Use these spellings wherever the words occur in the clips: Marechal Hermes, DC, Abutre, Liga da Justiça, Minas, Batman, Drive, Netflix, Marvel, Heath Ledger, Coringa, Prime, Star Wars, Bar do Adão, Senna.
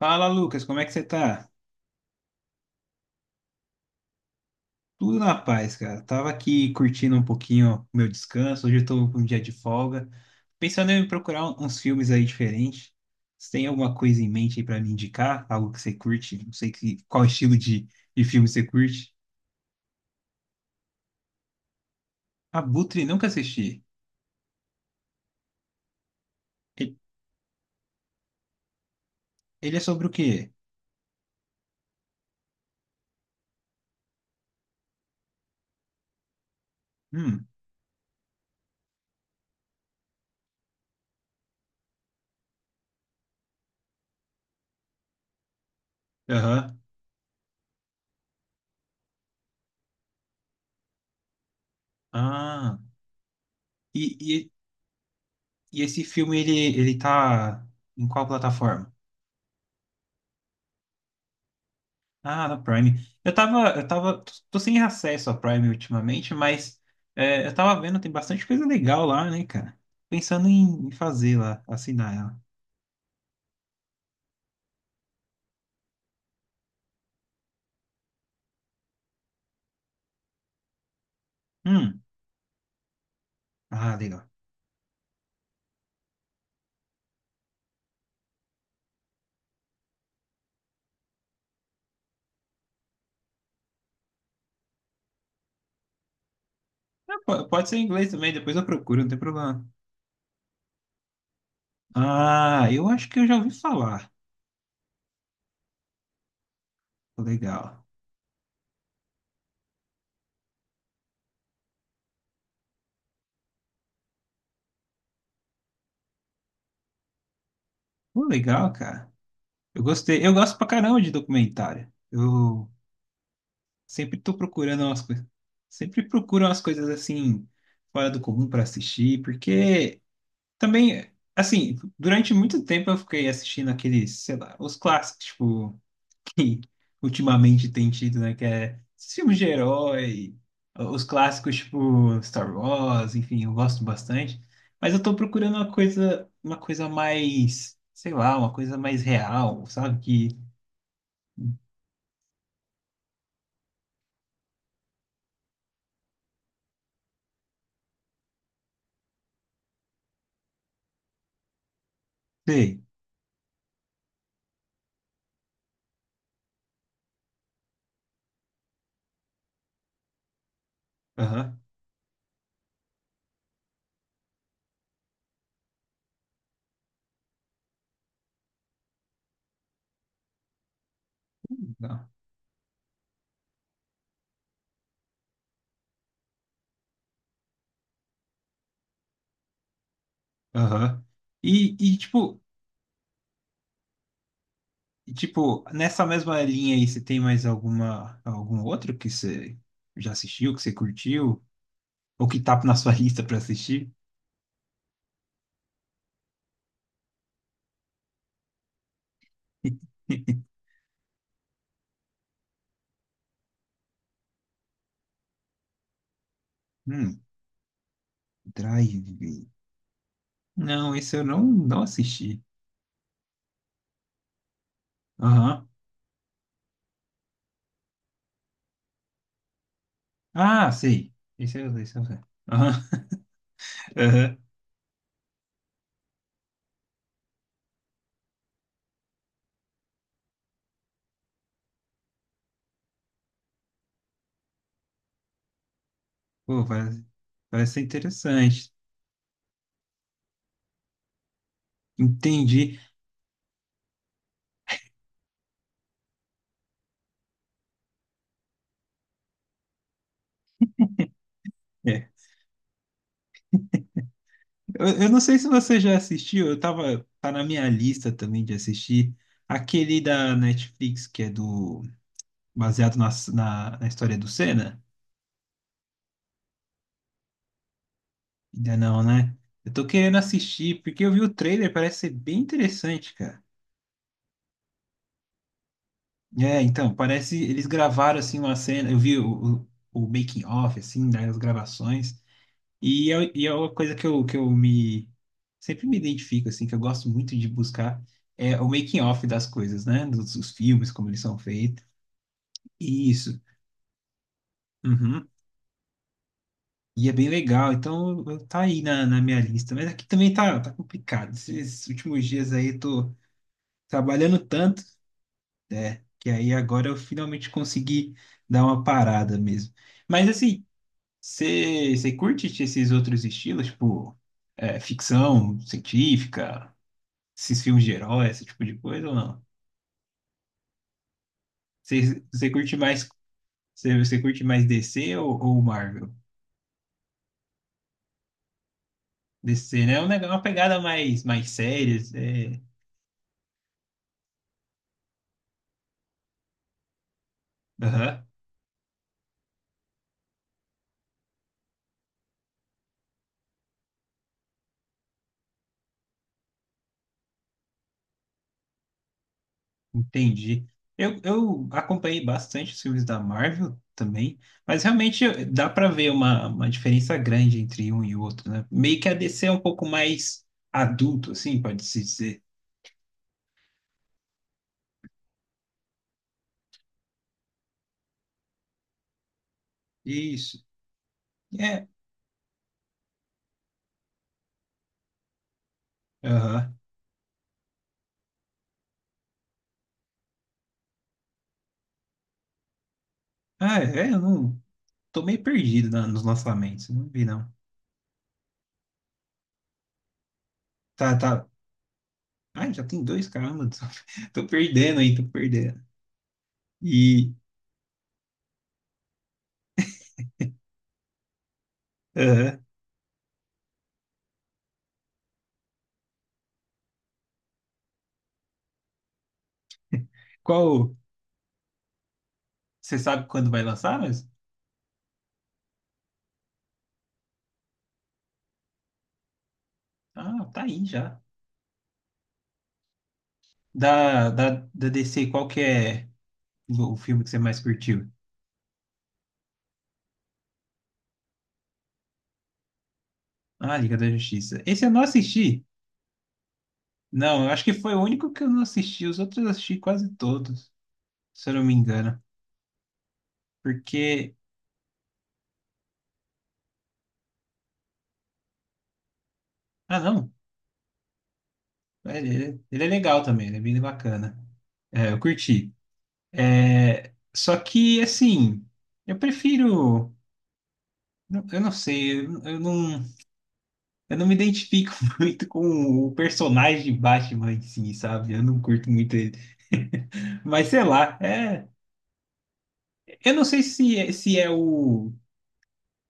Fala, Lucas, como é que você tá? Tudo na paz, cara. Tava aqui curtindo um pouquinho o meu descanso. Hoje eu tô com um dia de folga. Pensando em procurar uns filmes aí diferentes. Você tem alguma coisa em mente aí pra me indicar? Algo que você curte? Não sei que, qual estilo de filme você curte. Abutre, nunca assisti. Ele, ele é sobre o quê? Hum, aham. Ah, e, e, e esse filme, ele tá em qual plataforma? Ah, na Prime. Eu tô sem acesso à Prime ultimamente, mas é, eu tava vendo, tem bastante coisa legal lá, né, cara? Pensando em fazer lá, assinar ela. Hum, ah, legal. Ah, pode ser em inglês também, depois eu procuro, não tem problema. Ah, eu acho que eu já ouvi falar. Pô, legal. Pô, legal, cara. Eu gostei. Eu gosto pra caramba de documentário. Eu sempre tô procurando umas coisas. Sempre procuro umas coisas assim, fora do comum pra assistir, porque. Também, assim, durante muito tempo eu fiquei assistindo aqueles, sei lá, os clássicos, tipo, que ultimamente tem tido, né? Que é esses filmes de herói, os clássicos, tipo, Star Wars, enfim, eu gosto bastante. Mas eu tô procurando uma coisa mais, sei lá, uma coisa mais real, sabe? Que, sei, aham, não, aham. E, e, tipo, e tipo, nessa mesma linha aí, você tem mais alguma, algum outro que você já assistiu, que você curtiu? O que tá na sua lista pra assistir? Hum, Drive. Não, esse eu não assisti. Aham. Ah, sei. Esse eu sei. Aham. Aham. Pô, parece, parece ser interessante. Entendi. É. Eu não sei se você já assistiu, eu tava, tá na minha lista também de assistir. Aquele da Netflix que é do, baseado na história do Senna. Ainda não, né? Eu tô querendo assistir, porque eu vi o trailer, parece ser bem interessante, cara. É, então, parece eles gravaram assim uma cena, eu vi o making of assim, né, as gravações, e é uma coisa que eu me sempre me identifico assim, que eu gosto muito de buscar é o making of das coisas, né, dos filmes, como eles são feitos. Isso. Uhum. E é bem legal, então tá aí na minha lista, mas aqui também tá complicado. Esses últimos dias aí eu tô trabalhando tanto que aí agora eu finalmente consegui dar uma parada mesmo. Mas assim, você curte esses outros estilos, tipo, é, ficção científica, esses filmes de herói, esse tipo de coisa ou não? Você você curte mais, você curte mais DC ou, Marvel? DC, né? Uma pegada mais, mais séria. É... Aham, entendi. Eu acompanhei bastante os filmes da Marvel também, mas realmente dá pra ver uma diferença grande entre um e outro, né? Meio que a DC é um pouco mais adulto, assim, pode-se dizer. Isso. É, aham. Ah, é, eu não. Tô meio perdido nos lançamentos, não vi não. Tá, tá. Ah, já tem dois, caramba. Tô, tô perdendo aí, tô perdendo. E. Aham. Qual. Você sabe quando vai lançar, mas. Ah, tá aí já. Da DC, qual que é o filme que você mais curtiu? Ah, Liga da Justiça. Esse eu não assisti. Não, eu acho que foi o único que eu não assisti. Os outros eu assisti quase todos, se eu não me engano. Porque. Ah, não. É, ele é legal também, ele é bem bacana. É, eu curti. É, só que, assim, eu prefiro. Eu não sei, eu não me identifico muito com o personagem de Batman em si, sabe? Eu não curto muito ele. Mas sei lá, é, eu não sei se é o.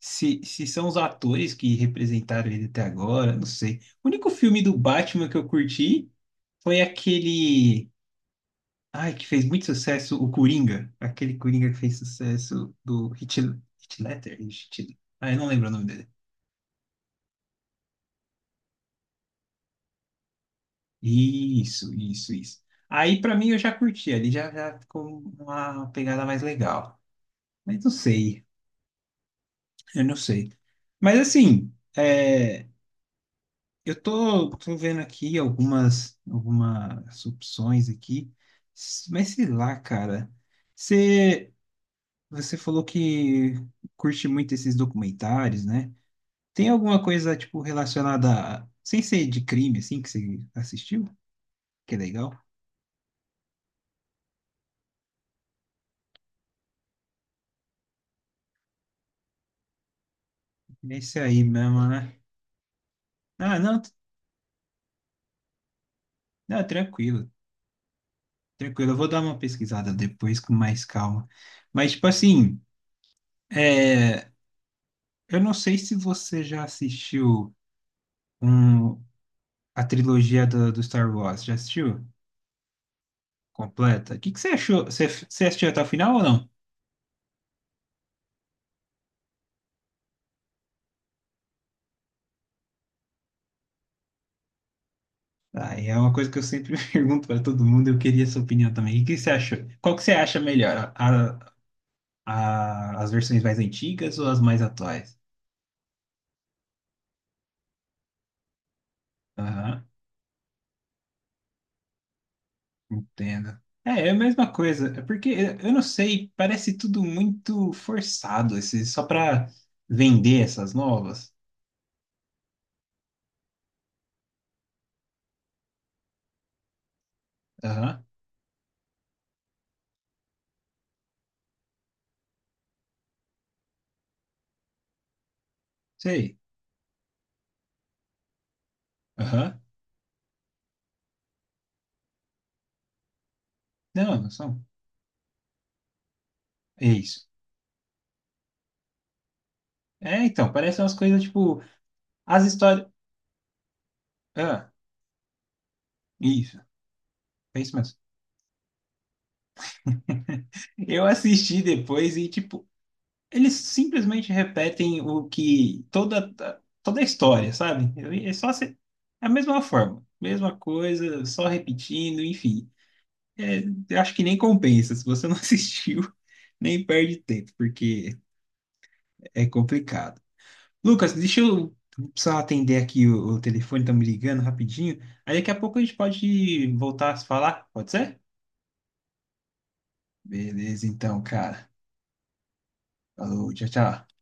Se são os atores que representaram ele até agora, não sei. O único filme do Batman que eu curti foi aquele. Ai, que fez muito sucesso o Coringa. Aquele Coringa que fez sucesso do Heath Ledger. Ah, eu não lembro o nome dele. Isso, isso, isso. Aí, pra mim, eu já curti. Ali já, já ficou uma pegada mais legal. Mas não sei, eu não sei. Mas, assim, é, eu tô vendo aqui algumas, algumas opções aqui. Mas sei lá, cara. Você, você falou que curte muito esses documentários, né? Tem alguma coisa, tipo, relacionada a... Sem ser de crime, assim, que você assistiu? Que é legal. Esse aí mesmo, né? Ah, não, tranquilo. Tranquilo, eu vou dar uma pesquisada depois com mais calma. Mas, tipo assim, é... eu não sei se você já assistiu um... a trilogia do Star Wars. Já assistiu? Completa? O que você achou? Você assistiu até o final ou não? Ah, é uma coisa que eu sempre pergunto para todo mundo, eu queria sua opinião também. O que que você achou? Qual que você acha melhor? As versões mais antigas ou as mais atuais? Aham, entendo. É, é a mesma coisa. É porque eh, eu não sei, parece tudo muito forçado, esse, só para vender essas novas. Aham, sei. Aham. Não, não são. É isso. É, então, parecem umas coisas tipo, as histórias. Ah, isso, é isso mesmo. Eu assisti depois e, tipo, eles simplesmente repetem o que toda a história, sabe? É só se- É a mesma forma, mesma coisa, só repetindo, enfim. É, eu acho que nem compensa. Se você não assistiu, nem perde tempo, porque é complicado. Lucas, deixa eu precisar atender aqui o telefone, tá me ligando rapidinho. Aí daqui a pouco a gente pode voltar a se falar, pode ser? Beleza, então, cara. Falou, tchau, tchau.